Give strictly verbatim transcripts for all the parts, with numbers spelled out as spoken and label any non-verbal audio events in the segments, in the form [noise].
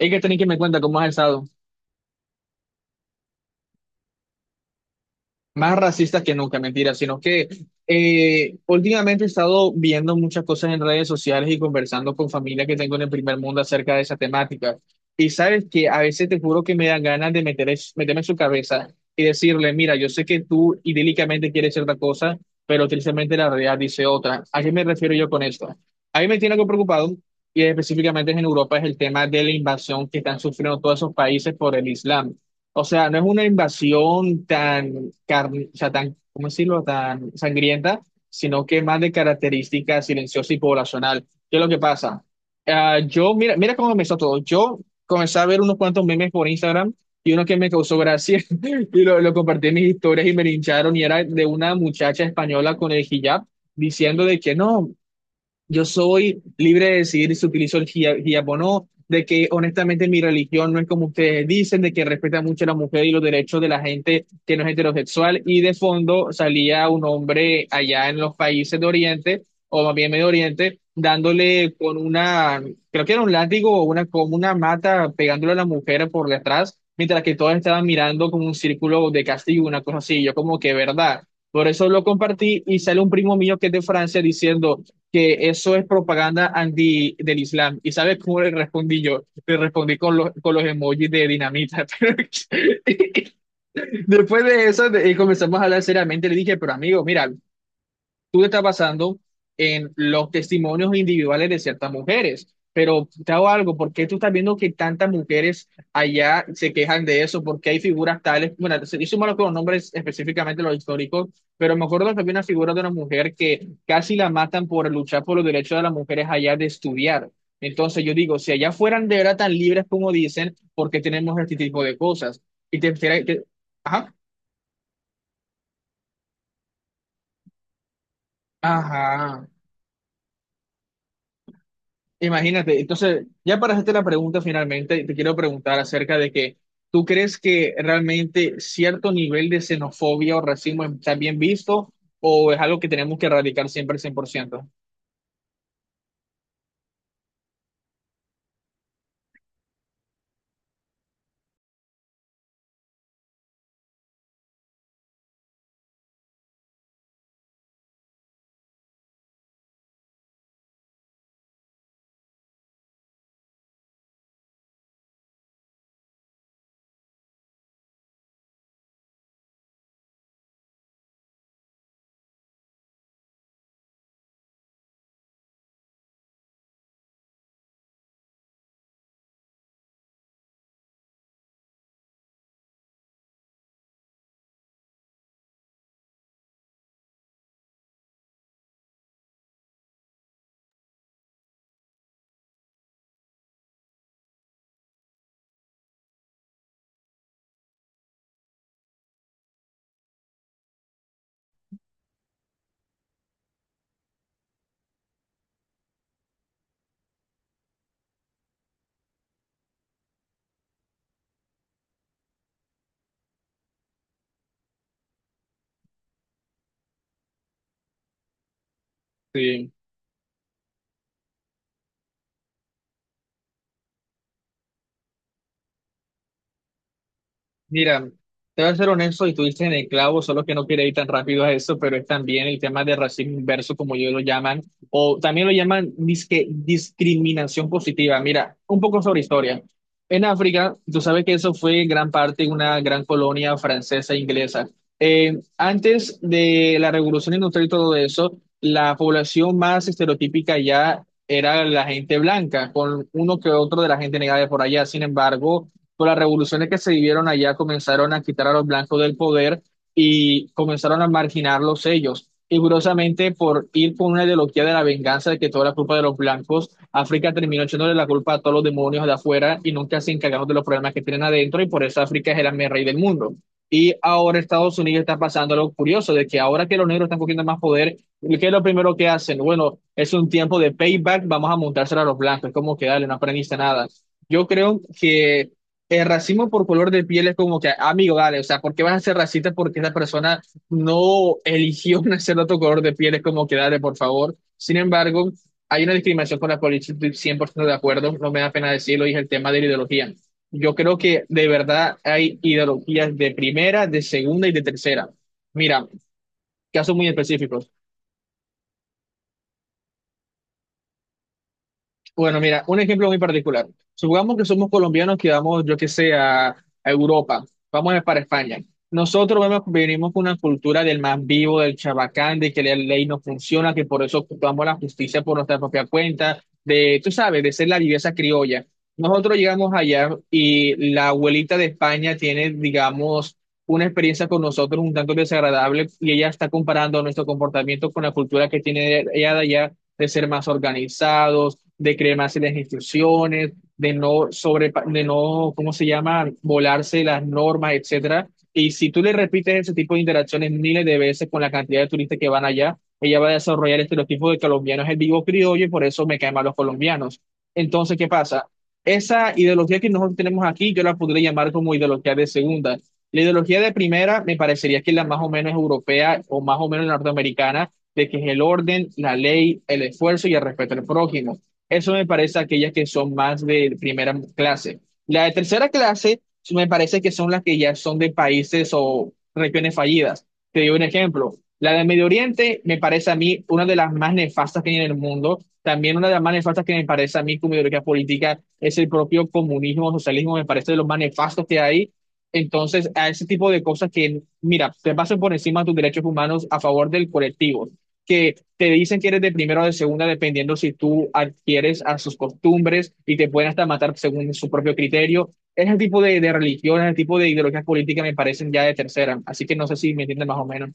Hay que tener que me cuenta cómo has estado. Más racista que nunca, mentira, sino que eh, últimamente he estado viendo muchas cosas en redes sociales y conversando con familia que tengo en el primer mundo acerca de esa temática. Y sabes que a veces te juro que me dan ganas de meter es- meterme en su cabeza y decirle, mira, yo sé que tú idílicamente quieres cierta cosa, pero tristemente la realidad dice otra. ¿A qué me refiero yo con esto? A mí me tiene algo preocupado, y específicamente es en Europa, es el tema de la invasión que están sufriendo todos esos países por el Islam. O sea, no es una invasión tan, carn- o sea, tan, ¿cómo decirlo?, tan sangrienta, sino que más de característica silenciosa y poblacional. ¿Qué es lo que pasa? Ah, yo, mira, mira cómo empezó todo. Yo comencé a ver unos cuantos memes por Instagram y uno que me causó gracia [laughs] y lo, lo compartí en mis historias y me lincharon y era de una muchacha española con el hijab diciendo de que no, yo soy libre de decidir si utilizo el hijab hijab o no, de que honestamente mi religión no es como ustedes dicen, de que respeta mucho a la mujer y los derechos de la gente que no es heterosexual. Y de fondo salía un hombre allá en los países de Oriente, o más bien Medio Oriente, dándole con una, creo que era un látigo o una, como una mata, pegándole a la mujer por detrás, mientras que todas estaban mirando como un círculo de castigo, una cosa así. Yo como que, ¿verdad? Por eso lo compartí y sale un primo mío que es de Francia diciendo que eso es propaganda anti del Islam. ¿Y sabes cómo le respondí yo? Le respondí con los, con los emojis de dinamita. [laughs] Pero después de eso de- comenzamos a hablar seriamente. Le dije, pero amigo, mira, tú te estás basando en los testimonios individuales de ciertas mujeres. Pero te hago algo, ¿por qué tú estás viendo que tantas mujeres allá se quejan de eso? ¿Por qué hay figuras tales? Bueno, se- yo malo con los nombres, específicamente los históricos, pero me acuerdo que había una figura de una mujer que casi la matan por luchar por los derechos de las mujeres allá de estudiar. Entonces yo digo, si allá fueran de verdad tan libres como dicen, ¿por qué tenemos este tipo de cosas? Y te, te- te- ajá, ajá. Imagínate, entonces, ya para hacerte la pregunta finalmente, te quiero preguntar acerca de que tú crees que realmente cierto nivel de xenofobia o racismo está bien visto o es algo que tenemos que erradicar siempre al cien por ciento. Sí. Mira, te voy a ser honesto y tú dices en el clavo, solo que no quiero ir tan rápido a eso, pero es también el tema de racismo inverso, como ellos lo llaman, o también lo llaman disque, discriminación positiva. Mira, un poco sobre historia. En África, tú sabes que eso fue en gran parte una gran colonia francesa e inglesa. Eh, antes de la revolución industrial y todo eso, la población más estereotípica ya era la gente blanca, con uno que otro de la gente negra de por allá. Sin embargo, con las revoluciones que se vivieron allá, comenzaron a quitar a los blancos del poder y comenzaron a marginarlos ellos. Y curiosamente, por ir con una ideología de la venganza de que toda la culpa de los blancos, África terminó echándole la culpa a todos los demonios de afuera y nunca se encargaron de los problemas que tienen adentro, y por eso África es el amén rey del mundo. Y ahora Estados Unidos está pasando algo curioso, de que ahora que los negros están cogiendo más poder, ¿qué es lo primero que hacen? Bueno, es un tiempo de payback, vamos a montárselo a los blancos, es como que dale, no aprendiste nada. Yo creo que el racismo por color de piel es como que, amigo, dale, o sea, ¿por qué vas a ser racista porque esa persona no eligió [laughs] nacer de otro color de piel? Es como que, dale, por favor. Sin embargo, hay una discriminación con la política, estoy cien por ciento de acuerdo, no me da pena decirlo, y es el tema de la ideología. Yo creo que de verdad hay ideologías de primera, de segunda y de tercera. Mira, casos muy específicos. Bueno, mira, un ejemplo muy particular. Supongamos que somos colombianos que vamos, yo qué sé, a, a Europa, vamos a- para España. Nosotros vemos- venimos con una cultura del más vivo, del chabacán, de que la ley no funciona, que por eso ocupamos la justicia por nuestra propia cuenta, de, tú sabes, de ser la viveza criolla. Nosotros llegamos allá y la abuelita de España tiene, digamos, una experiencia con nosotros un tanto desagradable y ella está comparando nuestro comportamiento con la cultura que tiene ella de allá de ser más organizados, de creer más en las instrucciones, de no sobre, de no, ¿cómo se llama?, volarse las normas, etcétera. Y si tú le repites ese tipo de interacciones miles de veces con la cantidad de turistas que van allá, ella va a desarrollar el estereotipo de colombiano es el vivo criollo y por eso me caen mal los colombianos. Entonces, ¿qué pasa? Esa ideología que nosotros tenemos aquí, yo la podría llamar como ideología de segunda. La ideología de primera me parecería que es la más o menos europea o más o menos norteamericana, de que es el orden, la ley, el esfuerzo y el respeto al prójimo. Eso me parece aquellas que son más de primera clase. La de tercera clase sí me parece que son las que ya son de países o regiones fallidas. Te doy un ejemplo. La de Medio Oriente me parece a mí una de las más nefastas que hay en el mundo. También una de las más nefastas que me parece a mí como ideología política es el propio comunismo, socialismo, me parece de los más nefastos que hay. Entonces, a ese tipo de cosas que, mira, te pasan por encima de tus derechos humanos a favor del colectivo que te dicen que eres de primera o de segunda, dependiendo si tú adquieres a sus costumbres y te pueden hasta matar según su propio criterio. Ese tipo de, de religiones, ese tipo de ideologías políticas me parecen ya de tercera, así que no sé si me entienden más o menos.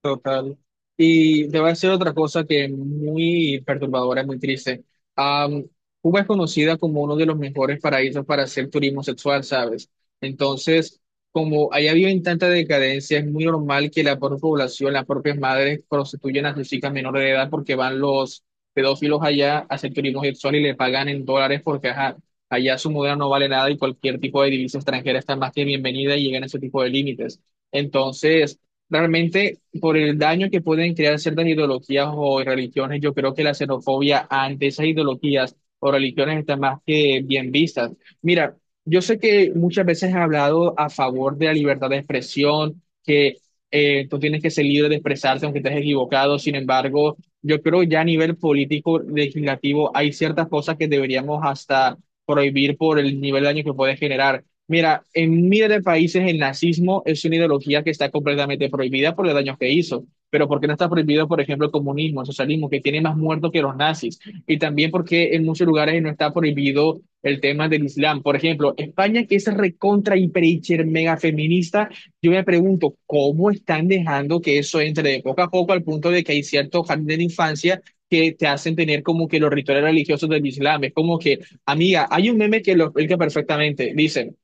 Total. Y te voy a decir otra cosa que es muy perturbadora, es muy triste. Am, Cuba es conocida como uno de los mejores paraísos para hacer turismo sexual, ¿sabes? Entonces, como allá viven tanta decadencia, es muy normal que la propia población, las propias madres prostituyan a sus chicas menores de edad porque van los pedófilos allá a hacer turismo sexual y le pagan en dólares porque ajá, allá su moneda no vale nada y cualquier tipo de divisa extranjera está más que bienvenida y llegan a ese tipo de límites. Entonces, realmente por el daño que pueden crear ciertas ideologías o religiones, yo creo que la xenofobia ante esas ideologías o religiones está más que bien vistas. Mira, yo sé que muchas veces he hablado a favor de la libertad de expresión, que eh, tú tienes que ser libre de expresarte aunque estés equivocado, sin embargo, yo creo ya a nivel político, legislativo, hay ciertas cosas que deberíamos hasta prohibir por el nivel de daño que puede generar. Mira, en miles de países el nazismo es una ideología que está completamente prohibida por los daños que hizo, pero ¿por qué no está prohibido, por ejemplo, el comunismo, el socialismo, que tiene más muertos que los nazis? Y también porque en muchos lugares no está prohibido el tema del Islam. Por ejemplo, España, que es recontra, hiper, hiper, mega feminista, yo me pregunto, ¿cómo están dejando que eso entre de poco a poco al punto de que hay ciertos jardines de infancia que te hacen tener como que los rituales religiosos del Islam? Es como que, amiga, hay un meme que lo explica perfectamente. Dice,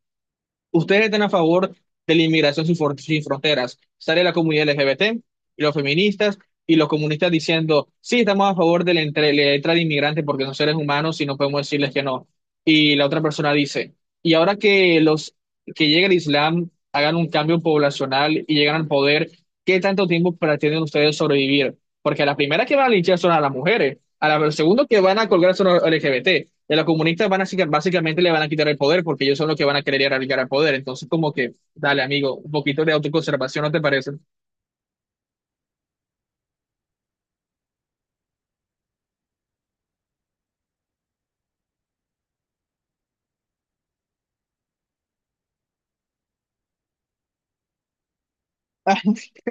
ustedes están a favor de la inmigración sin, for- sin fronteras. Sale la comunidad L G B T y los feministas y los comunistas diciendo, sí, estamos a favor de la, entre- la entrada de inmigrantes porque son seres humanos y no podemos decirles que no. Y la otra persona dice, y ahora que los que llega el Islam, hagan un cambio poblacional y llegan al poder, ¿qué tanto tiempo pretenden ustedes sobrevivir? Porque a la primera que van a linchar son a las mujeres, a la, al segundo que van a colgar son a los L G B T. Y a los comunistas van a, siga- básicamente le van a quitar el poder porque ellos son los que van a querer erradicar el poder. Entonces, como que, dale, amigo, un poquito de autoconservación, ¿no te parece? [laughs]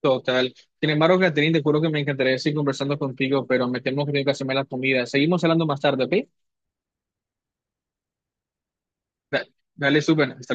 Total. Sin embargo, Catherine, te juro que me encantaría seguir conversando contigo, pero me temo que tengo que hacerme la comida. Seguimos hablando más tarde, ¿ok? Da- Dale, súper. Hasta luego.